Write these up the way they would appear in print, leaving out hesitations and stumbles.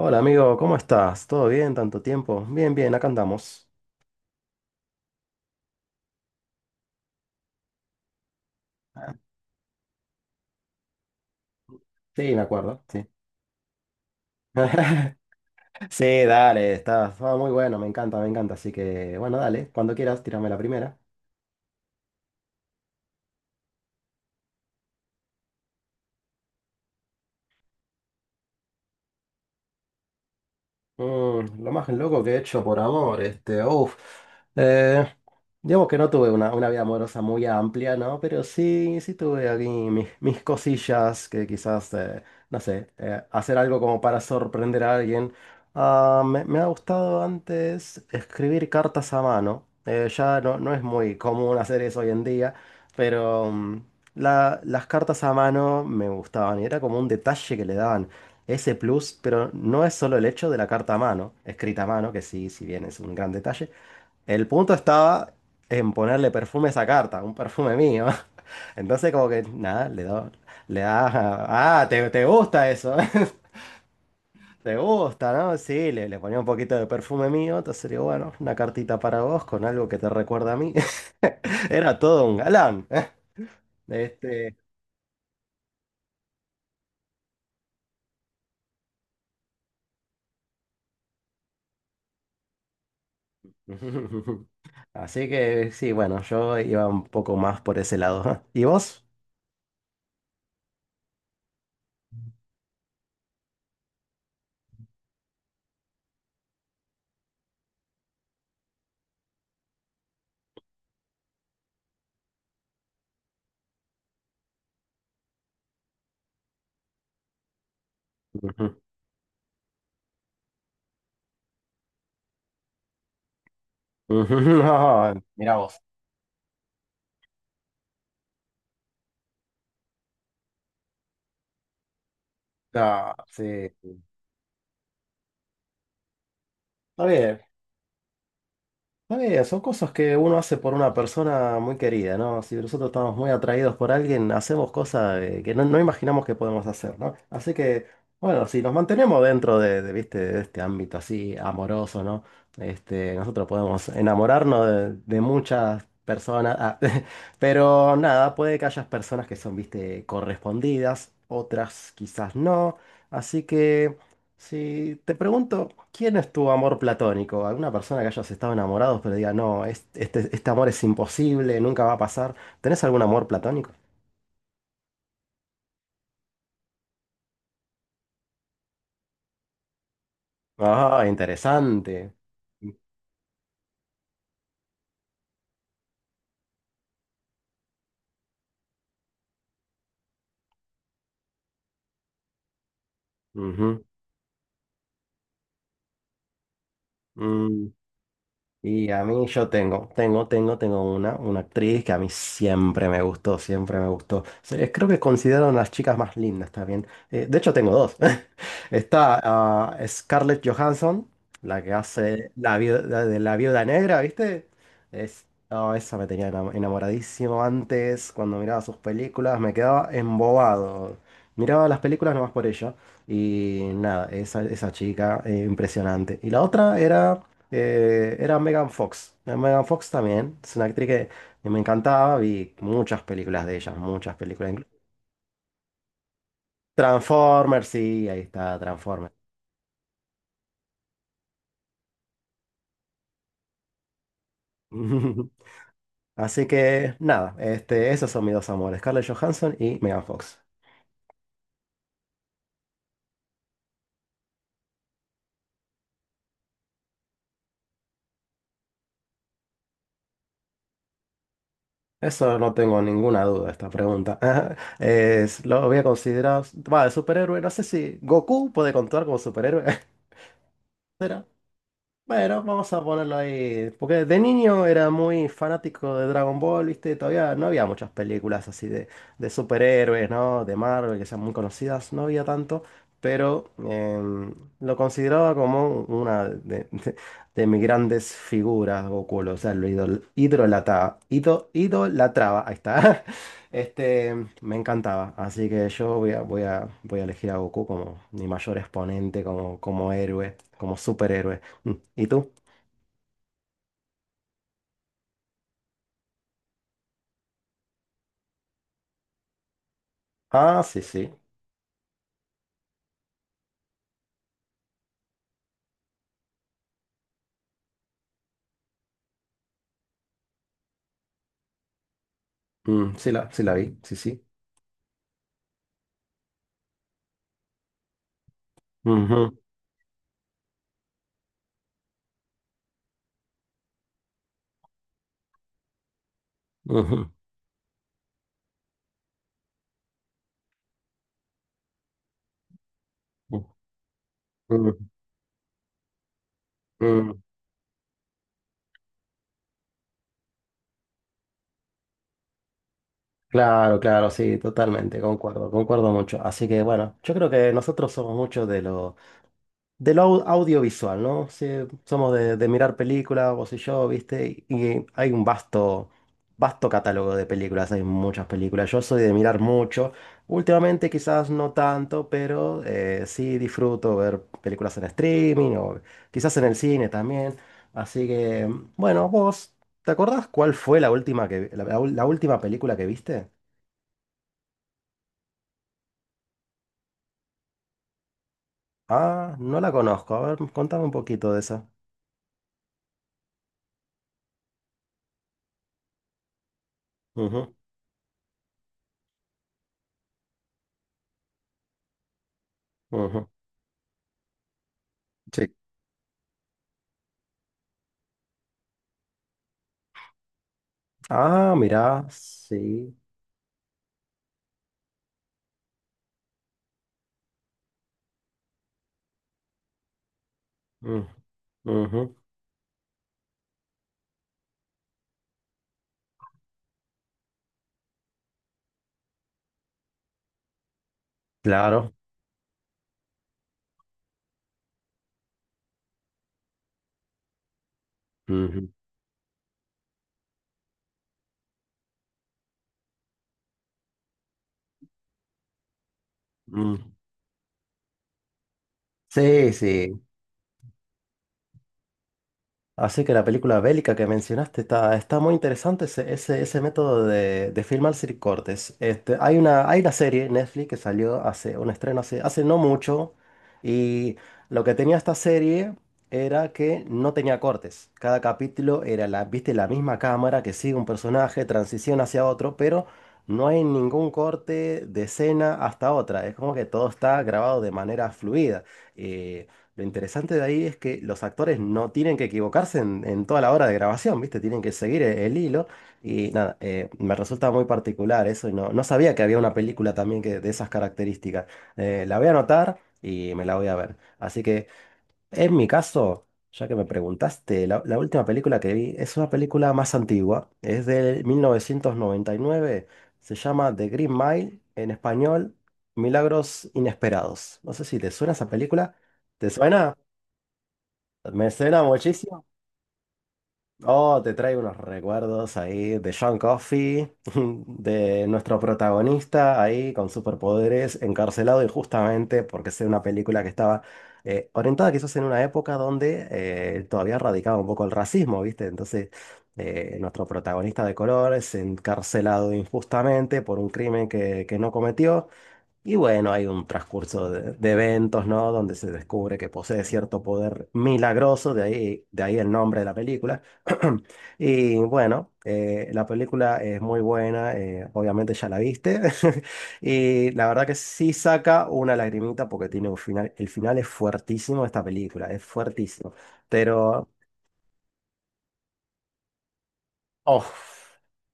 Hola amigo, ¿cómo estás? ¿Todo bien? ¿Tanto tiempo? Bien, bien, acá andamos. Sí, me acuerdo, sí. Sí, dale, está, muy bueno, me encanta, me encanta. Así que, bueno, dale, cuando quieras, tírame la primera. Lo más loco que he hecho por amor, este, uff. Digamos que no tuve una vida amorosa muy amplia, ¿no? Pero sí, sí tuve aquí mis cosillas que quizás, no sé, hacer algo como para sorprender a alguien. Ah, me ha gustado antes escribir cartas a mano. Ya no, no es muy común hacer eso hoy en día, pero las cartas a mano me gustaban y era como un detalle que le daban ese plus, pero no es solo el hecho de la carta a mano, escrita a mano, que sí, si bien es un gran detalle, el punto estaba en ponerle perfume a esa carta, un perfume mío. Entonces como que, nada, le da, ah, te gusta eso, te gusta, ¿no? Sí, le ponía un poquito de perfume mío, entonces digo, bueno, una cartita para vos con algo que te recuerda a mí. Era todo un galán. Este... Así que sí, bueno, yo iba un poco más por ese lado. ¿Y vos? Ujú. Ujú. No, mira vos. No, sí. Está bien. Está bien, son cosas que uno hace por una persona muy querida, ¿no? Si nosotros estamos muy atraídos por alguien, hacemos cosas, que no, no imaginamos que podemos hacer, ¿no? Así que, bueno, si nos mantenemos dentro ¿viste? De este ámbito así amoroso, ¿no? Este, nosotros podemos enamorarnos de muchas personas, ah, pero nada, puede que haya personas que son, ¿viste?, correspondidas, otras quizás no. Así que... Si te pregunto, ¿quién es tu amor platónico? ¿Alguna persona que hayas estado enamorados pero diga, no, este, este amor es imposible, nunca va a pasar? ¿Tenés algún amor platónico? Ah, interesante. Ujú. Mm. Y a mí yo tengo, tengo, tengo, una actriz que a mí siempre me gustó, siempre me gustó. Creo que considero una de las chicas más lindas también. De hecho tengo dos. Está, ah, Scarlett Johansson, la que hace la viuda, de la viuda negra, ¿viste? Es, oh, esa me tenía enamoradísimo antes, cuando miraba sus películas, me quedaba embobado. Miraba las películas nomás por ella. Y nada, esa chica, impresionante. Y la otra era... era Megan Fox. Megan Fox también. Es una actriz que me encantaba. Vi muchas películas de ella, muchas películas. Transformers, sí, ahí está, Transformers. Así que nada, este, esos son mis dos amores, Scarlett Johansson y Megan Fox. Eso no tengo ninguna duda, esta pregunta. Es, lo voy a considerar. Va, de superhéroe, no sé si Goku puede contar como superhéroe. Bueno, vamos a ponerlo ahí. Porque de niño era muy fanático de Dragon Ball, ¿viste? Todavía no había muchas películas así de superhéroes, ¿no? De Marvel, que sean muy conocidas, no había tanto. Pero, lo consideraba como de mis grandes figuras, Goku. O sea, lo idol, idolata- ido- idolatraba. Ahí está. Este, me encantaba. Así que yo voy a, voy a elegir a Goku como mi mayor exponente, como, como héroe, como superhéroe. Mm. ¿Y tú? Ah, sí, sí. Mm, sí la, sí la vi, sí, sí. Ujú, ujú, ujú, ujú. Claro, claro, sí, totalmente, concuerdo, concuerdo mucho. Así que, bueno, yo creo que nosotros somos muchos de los, de lo audiovisual, ¿no? Sí, somos de mirar películas, vos y yo, ¿viste? Y hay un vasto, vasto catálogo de películas, hay muchas películas. Yo soy de mirar mucho. Últimamente quizás no tanto, pero, sí disfruto ver películas en streaming o quizás en el cine también. Así que, bueno, vos, ¿te acordás cuál fue la última que, la ul- la última película que viste? Ah, no la conozco. A ver, contame un poquito de esa. Ujú, ujú. Ah, mira, sí. Mm, ujú. Claro. Ujú, mm. Sí, sí. Así que la película bélica que mencionaste está, está muy interesante ese, ese, ese método de filmar sin cortes. Este, hay una serie en Netflix que salió hace un estreno hace, hace no mucho y lo que tenía esta serie era que no tenía cortes. Cada capítulo era la, viste, la misma cámara que sigue un personaje, transición hacia otro, pero no hay ningún corte de escena hasta otra. Es como que todo está grabado de manera fluida. Eh, lo interesante de ahí es que los actores no tienen que equivocarse en toda la hora de grabación, ¿viste? Tienen que seguir el hilo. Y nada, me resulta muy particular eso y no, no sabía que había una película también que, de esas características. La voy a anotar y me la voy a ver. Así que, en mi caso, ya que me preguntaste, la última película que vi es una película más antigua, es del 1999, se llama The Green Mile, en español, Milagros Inesperados. No sé si te suena esa película. ¿Te suena? Me suena muchísimo. Oh, te traigo unos recuerdos ahí de John Coffey, de nuestro protagonista ahí con superpoderes, encarcelado injustamente porque es una película que estaba, orientada quizás en una época donde, todavía radicaba un poco el racismo, ¿viste? Entonces, nuestro protagonista de color es encarcelado injustamente por un crimen que no cometió. Y bueno, hay un transcurso de eventos, ¿no? Donde se descubre que posee cierto poder milagroso, de ahí el nombre de la película. Y bueno, la película es muy buena, obviamente ya la viste. Y la verdad que sí saca una lagrimita porque tiene un final, el final es fuertísimo de esta película, es fuertísimo. Pero oh,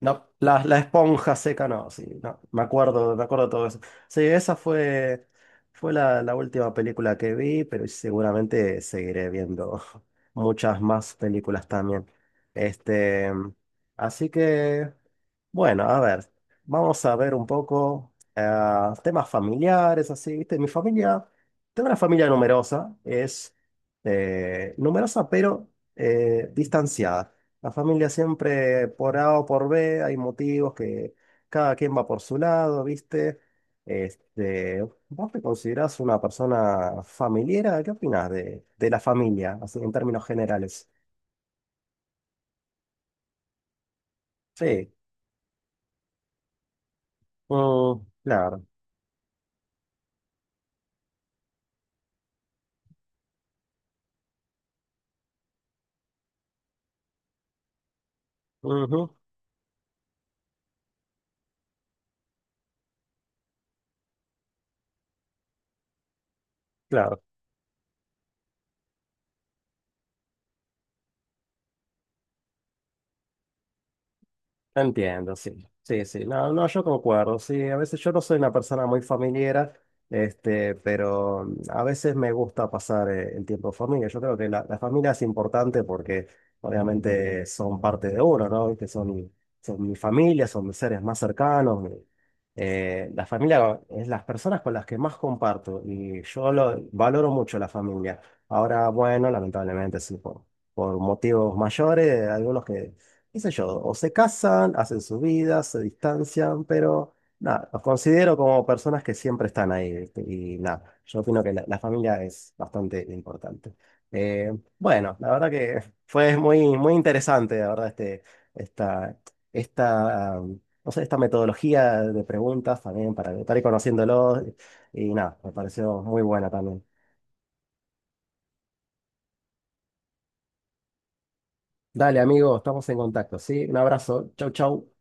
no, la esponja seca, no, sí, no, me acuerdo todo eso. Sí, esa fue, fue la última película que vi, pero seguramente seguiré viendo muchas más películas también. Este, así que, bueno, a ver, vamos a ver un poco, temas familiares, así, ¿viste? Mi familia, tengo una familia numerosa, es, numerosa pero, distanciada. La familia siempre por A o por B, hay motivos que cada quien va por su lado, ¿viste? Este, ¿vos te considerás una persona familiar? ¿Qué opinás de la familia, así en términos generales? Sí, mm, claro. Ujú, claro. Entiendo, sí. Sí, sí. No, no, yo concuerdo. Sí, a veces yo no soy una persona muy familiera, este, pero mm, a veces me gusta pasar, el tiempo en familia. Yo creo que la familia es importante porque obviamente son parte de uno, ¿no? Que son, son mi familia, son mis seres más cercanos. La familia es las personas con las que más comparto y yo lo, valoro mucho la familia. Ahora, bueno, lamentablemente sí, por motivos mayores, algunos que qué sé yo, o se casan, hacen su vida, se distancian, pero nada, los considero como personas que siempre están ahí, ¿viste? Y nada, yo opino que la familia es bastante importante. Eh, bueno, la verdad que fue muy, muy interesante, la verdad, esta, esta, no sé, esta metodología de preguntas también para estar ahí conociéndolos y nada, me pareció muy buena también. Dale, amigo, estamos en contacto, ¿sí? Un abrazo, chau, chau.